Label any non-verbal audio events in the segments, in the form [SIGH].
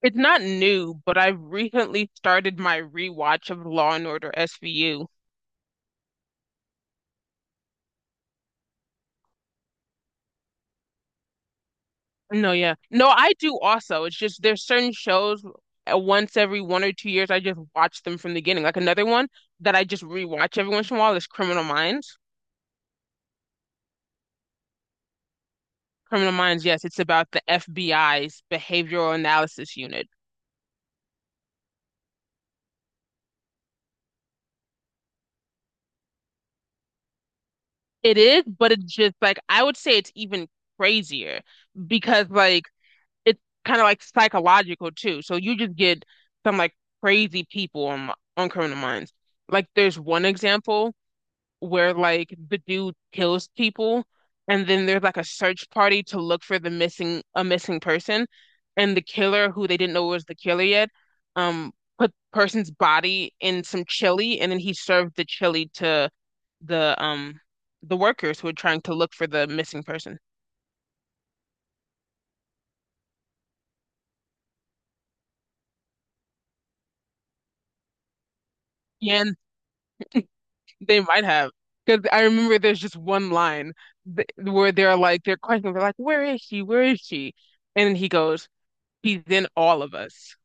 It's not new, but I've recently started my rewatch of Law and Order SVU. No, yeah. No, I do also. It's just there's certain shows once every 1 or 2 years I just watch them from the beginning. Like another one that I just rewatch every once in a while is Criminal Minds. Criminal Minds, yes, it's about the FBI's Behavioral Analysis Unit. It is, but it's just like I would say it's even crazier because like it's kind of like psychological too. So you just get some like crazy people on Criminal Minds. Like there's one example where like the dude kills people, and then there's like a search party to look for the missing a missing person, and the killer who they didn't know was the killer yet, um, put person's body in some chili, and then he served the chili to the um the workers who were trying to look for the missing person. Yeah, they might have, because I remember there's just one line th where they're questioning. They're like, "Where is she? Where is she?" And he goes, "He's in all of us."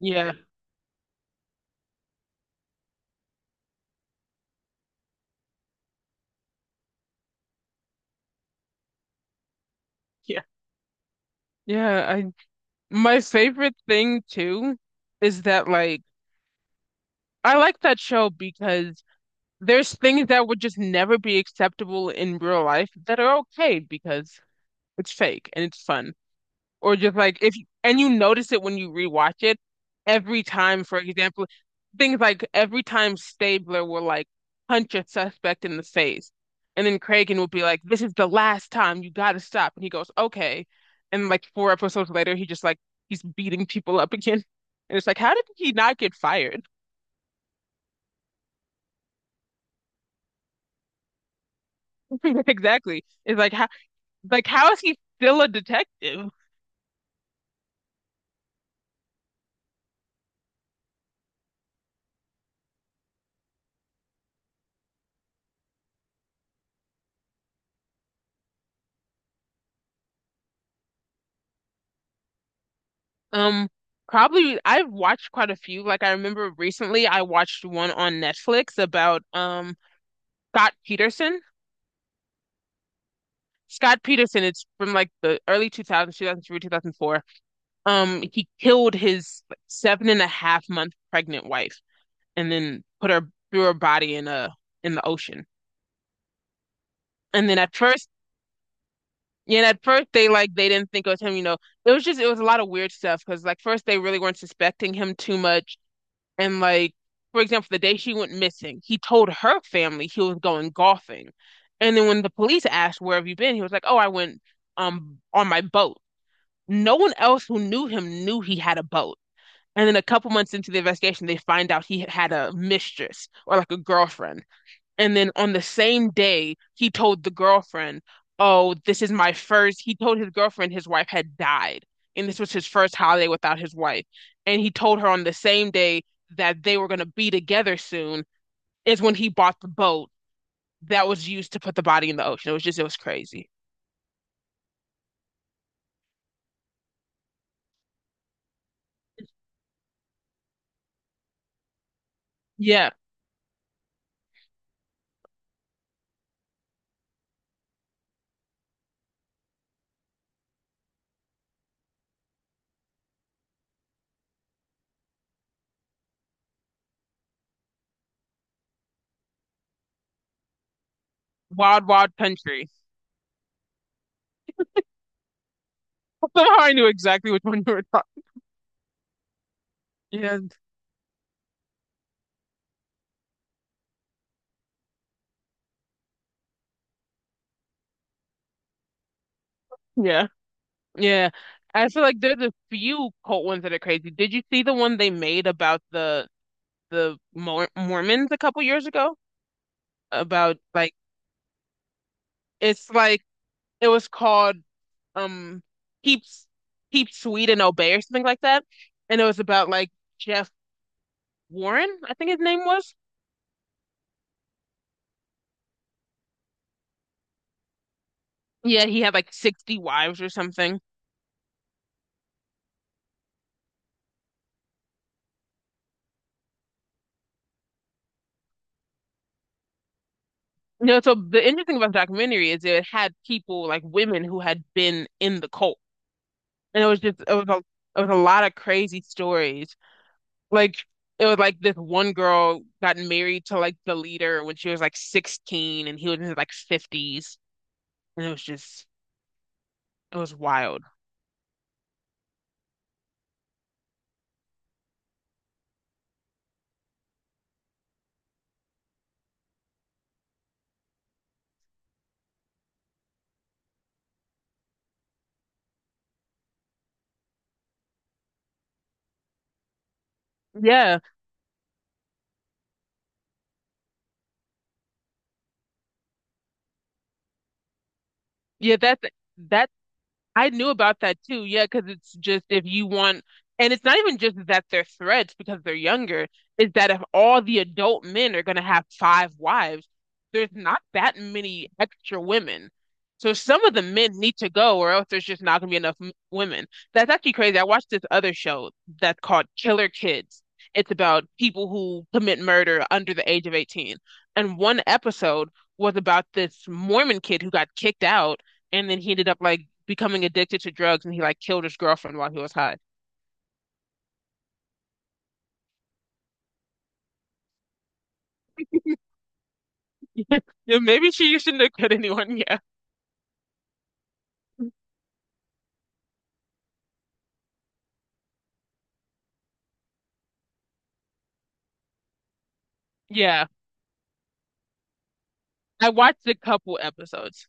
Yeah, yeah, yeah. I My favorite thing too is that like I like that show because there's things that would just never be acceptable in real life that are okay because it's fake and it's fun. Or just like if you, and you notice it when you rewatch it every time. For example, things like every time Stabler will like punch a suspect in the face, and then Kragan will be like, "This is the last time, you got to stop," and he goes, "Okay," and like four episodes later he just like he's beating people up again, and it's like how did he not get fired? [LAUGHS] exactly, it's like how is he still a detective? Um, Probably. I've watched quite a few. Like I remember recently I watched one on Netflix about Scott Peterson. Scott Peterson, it's from like the early 2000s, 2003, 2004. He killed his seven and a half month pregnant wife and then put her threw her body in a in the ocean. And then at first, yeah, and at first they didn't think it was him, It was a lot of weird stuff because like first they really weren't suspecting him too much. And like, for example, the day she went missing, he told her family he was going golfing. And then when the police asked, "Where have you been?" he was like, "Oh, I went on my boat." No one else who knew him knew he had a boat. And then a couple months into the investigation, they find out he had a mistress or like a girlfriend. And then on the same day, he told the girlfriend, oh, this is my first. He told his girlfriend his wife had died, and this was his first holiday without his wife. And he told her on the same day that they were going to be together soon is when he bought the boat that was used to put the body in the ocean. It was crazy. Yeah. Wild, Wild Country. [LAUGHS] Somehow I knew exactly which one you were talking. Yeah. Yeah. Yeah. I feel like there's a few cult ones that are crazy. Did you see the one they made about the Mormons a couple years ago about like it's like it was called um Keep Keep Sweet and Obey or something like that, and it was about like Jeff Warren, I think his name was. Yeah, he had like 60 wives or something. So the interesting about the documentary is it had people, like women who had been in the cult, and it was a lot of crazy stories. Like it was like this one girl got married to like the leader when she was like 16 and he was in his like 50s, and it was wild. Yeah. Yeah, that that I knew about that too, yeah, because it's just if you want, and it's not even just that they're threats because they're younger, is that if all the adult men are going to have 5 wives, there's not that many extra women. So some of the men need to go, or else there's just not going to be enough women. That's actually crazy. I watched this other show that's called Killer Kids. It's about people who commit murder under the age of 18. And one episode was about this Mormon kid who got kicked out, and then he ended up like becoming addicted to drugs and he like killed his girlfriend while he was high. [LAUGHS] Yeah, maybe she shouldn't have cut [LAUGHS] anyone. Yeah. Yeah. I watched a couple episodes.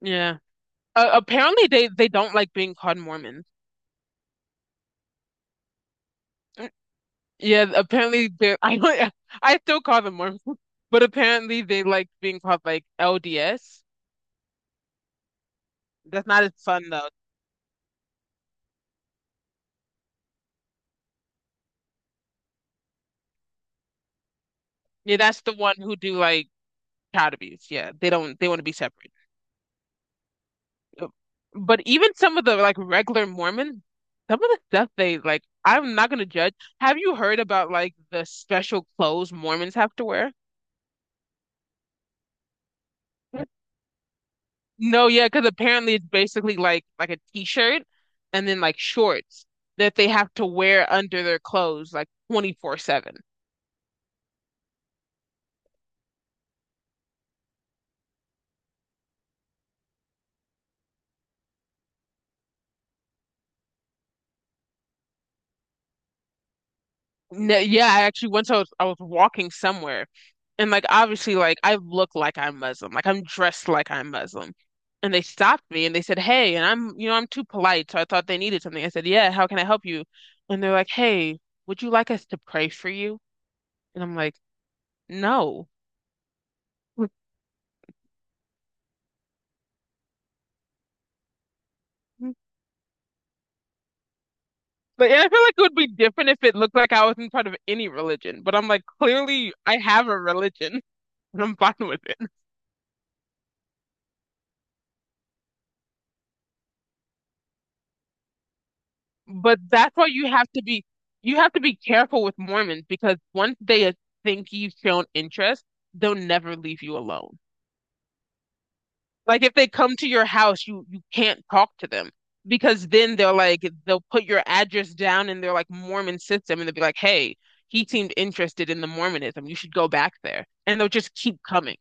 Yeah. Apparently they don't like being called Mormons. Yeah, apparently they [LAUGHS] I don't I still call them Mormons, [LAUGHS] but apparently they like being called like LDS. That's not as fun though. Yeah, that's the one who do like child abuse. Yeah, they don't they want to be separate. But even some of the like regular Mormons, some of the stuff they like, I'm not gonna judge. Have you heard about like the special clothes Mormons have to wear? No, yeah, because apparently it's basically like a t-shirt and then like shorts that they have to wear under their clothes like 24/7. No, yeah, I actually once I was walking somewhere, and like obviously like I look like I'm Muslim, like I'm dressed like I'm Muslim, and they stopped me and they said, "Hey," and I'm you know I'm too polite, so I thought they needed something. I said, "Yeah, how can I help you?" And they're like, "Hey, would you like us to pray for you?" And I'm like, "No." [LAUGHS] But and I feel like it would be different if it looked like I wasn't part of any religion, but I'm like, clearly I have a religion [LAUGHS] and I'm fine with it. But that's why you have to be careful with Mormons, because once they think you've shown interest, they'll never leave you alone. Like if they come to your house, you can't talk to them, because then they'll put your address down in their like Mormon system, and they'll be like, "Hey, he seemed interested in the Mormonism. You should go back there." And they'll just keep coming.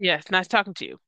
Yes, nice talking to you.